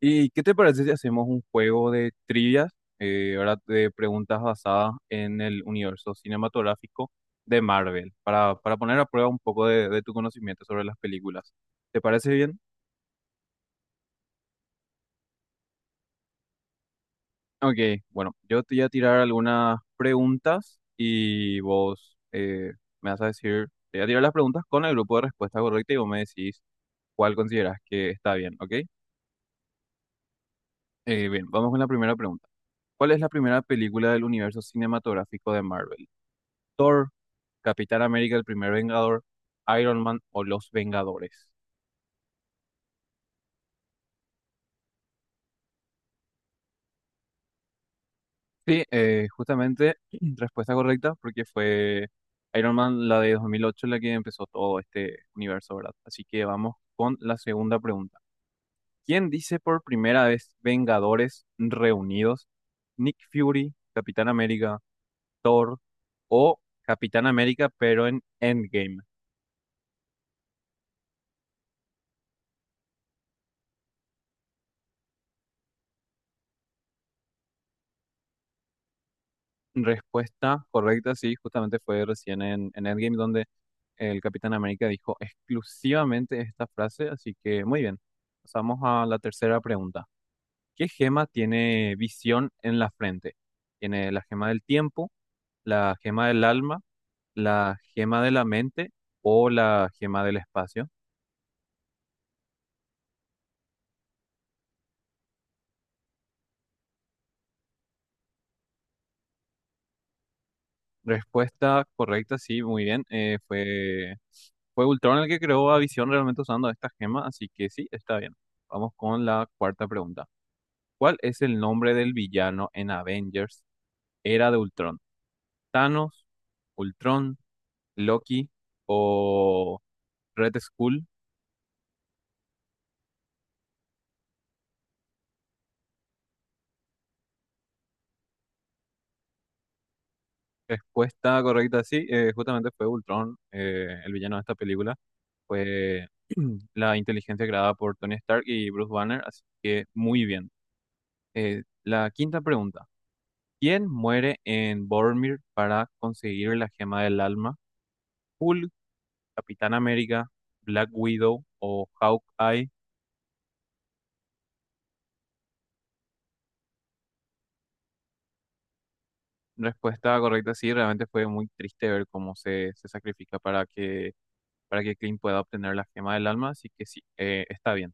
¿Y qué te parece si hacemos un juego de trivias, ahora de preguntas basadas en el universo cinematográfico de Marvel, para poner a prueba un poco de tu conocimiento sobre las películas? ¿Te parece bien? Ok, bueno, yo te voy a tirar algunas preguntas y vos me vas a decir, te voy a tirar las preguntas con el grupo de respuesta correcta y vos me decís cuál consideras que está bien, ¿ok? Bien, vamos con la primera pregunta. ¿Cuál es la primera película del universo cinematográfico de Marvel? Thor, Capitán América, el primer Vengador, Iron Man o Los Vengadores. Sí, justamente respuesta correcta porque fue Iron Man la de 2008, la que empezó todo este universo, ¿verdad? Así que vamos con la segunda pregunta. ¿Quién dice por primera vez Vengadores reunidos? Nick Fury, Capitán América, Thor o Capitán América pero en Endgame. Respuesta correcta, sí, justamente fue recién en Endgame donde el Capitán América dijo exclusivamente esta frase, así que muy bien. Pasamos a la tercera pregunta. ¿Qué gema tiene visión en la frente? Tiene la gema del tiempo, la gema del alma, la gema de la mente o la gema del espacio. Respuesta correcta, sí, muy bien. Fue Ultron el que creó a Visión realmente usando esta gema, así que sí, está bien. Vamos con la cuarta pregunta. ¿Cuál es el nombre del villano en Avengers Era de Ultron? ¿Thanos, Ultron, Loki o Red Skull? Respuesta correcta, sí, justamente fue Ultron, el villano de esta película. Fue la inteligencia creada por Tony Stark y Bruce Banner, así que muy bien. La quinta pregunta. ¿Quién muere en Boromir para conseguir la gema del alma? ¿Hulk, Capitán América, Black Widow o Hawkeye? Respuesta correcta, sí, realmente fue muy triste ver cómo se sacrifica para que Clint pueda obtener la gema del alma, así que sí, está bien.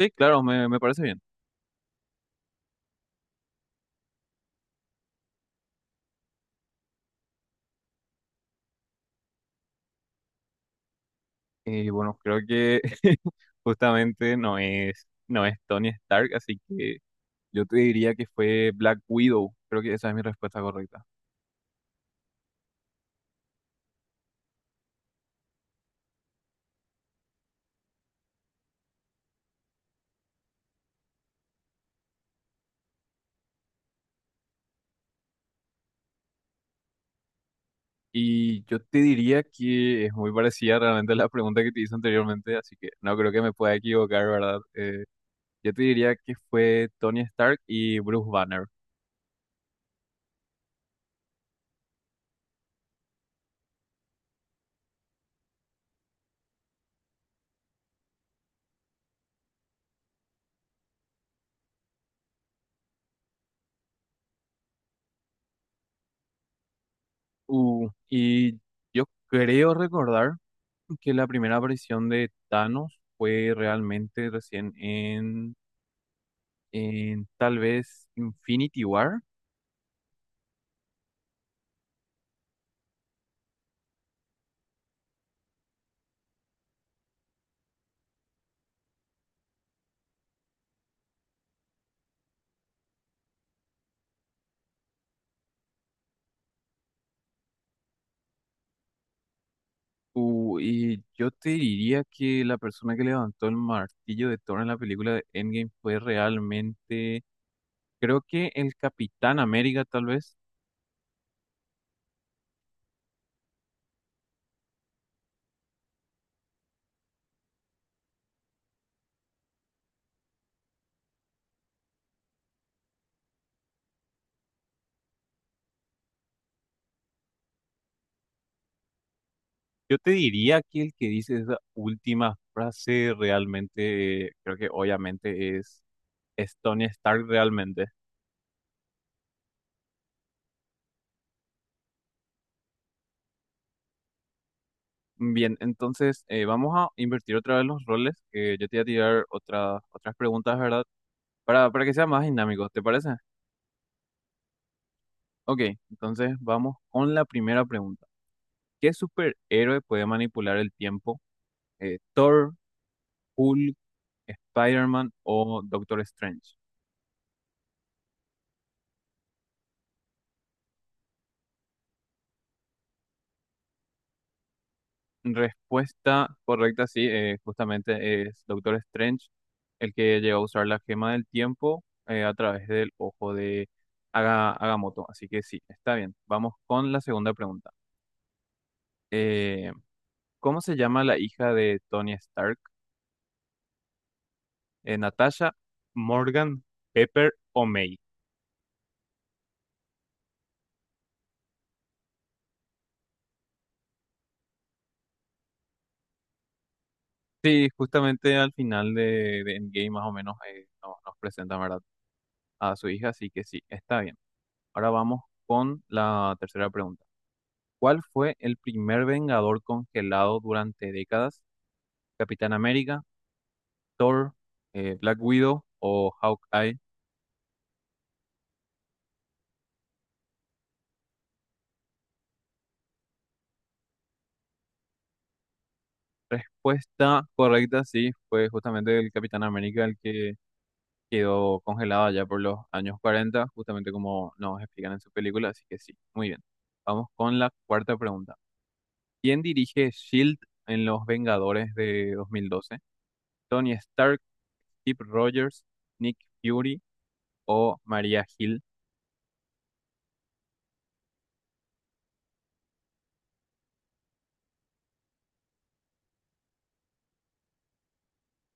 Sí, claro, me parece bien. Y bueno, creo que justamente no es Tony Stark, así que yo te diría que fue Black Widow, creo que esa es mi respuesta correcta. Y yo te diría que es muy parecida realmente a la pregunta que te hice anteriormente, así que no creo que me pueda equivocar, ¿verdad? Yo te diría que fue Tony Stark y Bruce Banner. Y yo creo recordar que la primera aparición de Thanos fue realmente recién en tal vez Infinity War. Y yo te diría que la persona que levantó el martillo de Thor en la película de Endgame fue realmente, creo que el Capitán América tal vez. Yo te diría que el que dice esa última frase realmente, creo que obviamente es Tony Stark realmente. Bien, entonces vamos a invertir otra vez los roles, que yo te voy a tirar otras preguntas, ¿verdad? Para que sea más dinámico, ¿te parece? Ok, entonces vamos con la primera pregunta. ¿Qué superhéroe puede manipular el tiempo? ¿Thor, Hulk, Spider-Man o Doctor Strange? Respuesta correcta, sí, justamente es Doctor Strange, el que llegó a usar la gema del tiempo a través del ojo de Agamotto. Así que sí, está bien. Vamos con la segunda pregunta. Eh, ¿Cómo se llama la hija de Tony Stark? ¿Natasha, Morgan, Pepper o May? Sí, justamente al final de Endgame más o menos nos presenta, ¿verdad? A su hija, así que sí, está bien. Ahora vamos con la tercera pregunta. ¿Cuál fue el primer Vengador congelado durante décadas? ¿Capitán América, Thor, Black Widow o Hawkeye? Respuesta correcta, sí, fue justamente el Capitán América el que quedó congelado allá por los años 40, justamente como nos explican en su película, así que sí, muy bien. Vamos con la cuarta pregunta. ¿Quién dirige SHIELD en Los Vengadores de 2012? ¿Tony Stark, Steve Rogers, Nick Fury o Maria Hill?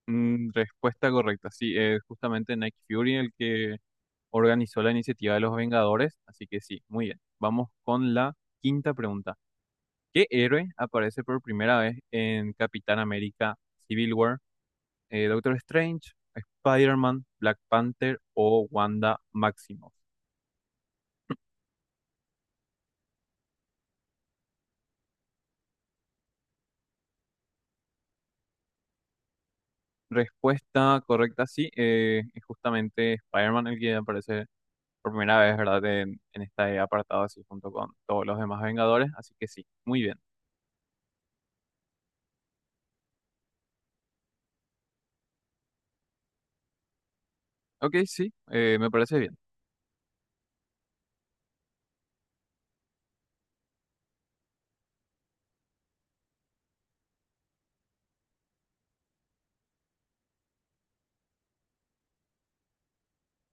Mm, respuesta correcta, sí, es justamente Nick Fury el que organizó la iniciativa de los Vengadores, así que sí, muy bien. Vamos con la quinta pregunta. ¿Qué héroe aparece por primera vez en Capitán América Civil War? Doctor Strange, Spider-Man, Black Panther o Wanda Maximoff. Respuesta correcta, sí, es justamente Spider-Man el que aparece por primera vez, ¿verdad? En este apartado, así junto con todos los demás Vengadores, así que sí, muy bien. Ok, sí, me parece bien.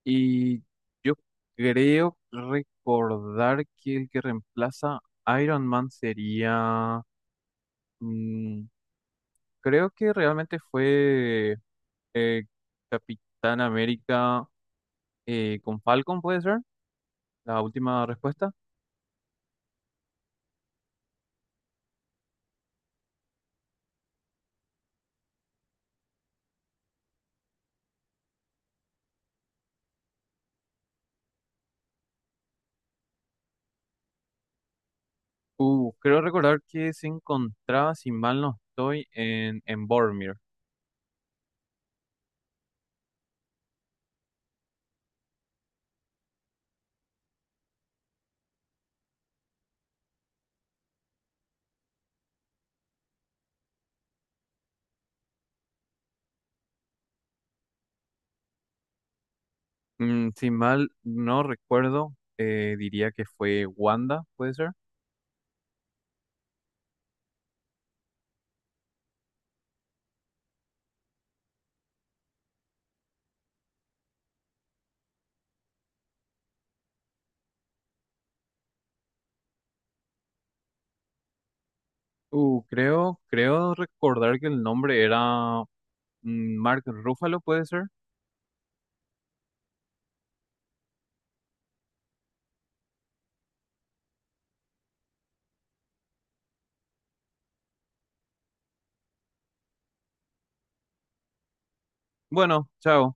Y yo creo recordar que el que reemplaza a Iron Man sería... mm, creo que realmente fue eh, Capitán América con Falcon, ¿puede ser? La última respuesta. Creo recordar que se encontraba, si mal no estoy, en Boromir. Mm, si mal no recuerdo, diría que fue Wanda, ¿puede ser? Creo recordar que el nombre era mm, Mark Ruffalo, ¿puede ser? Bueno, chao.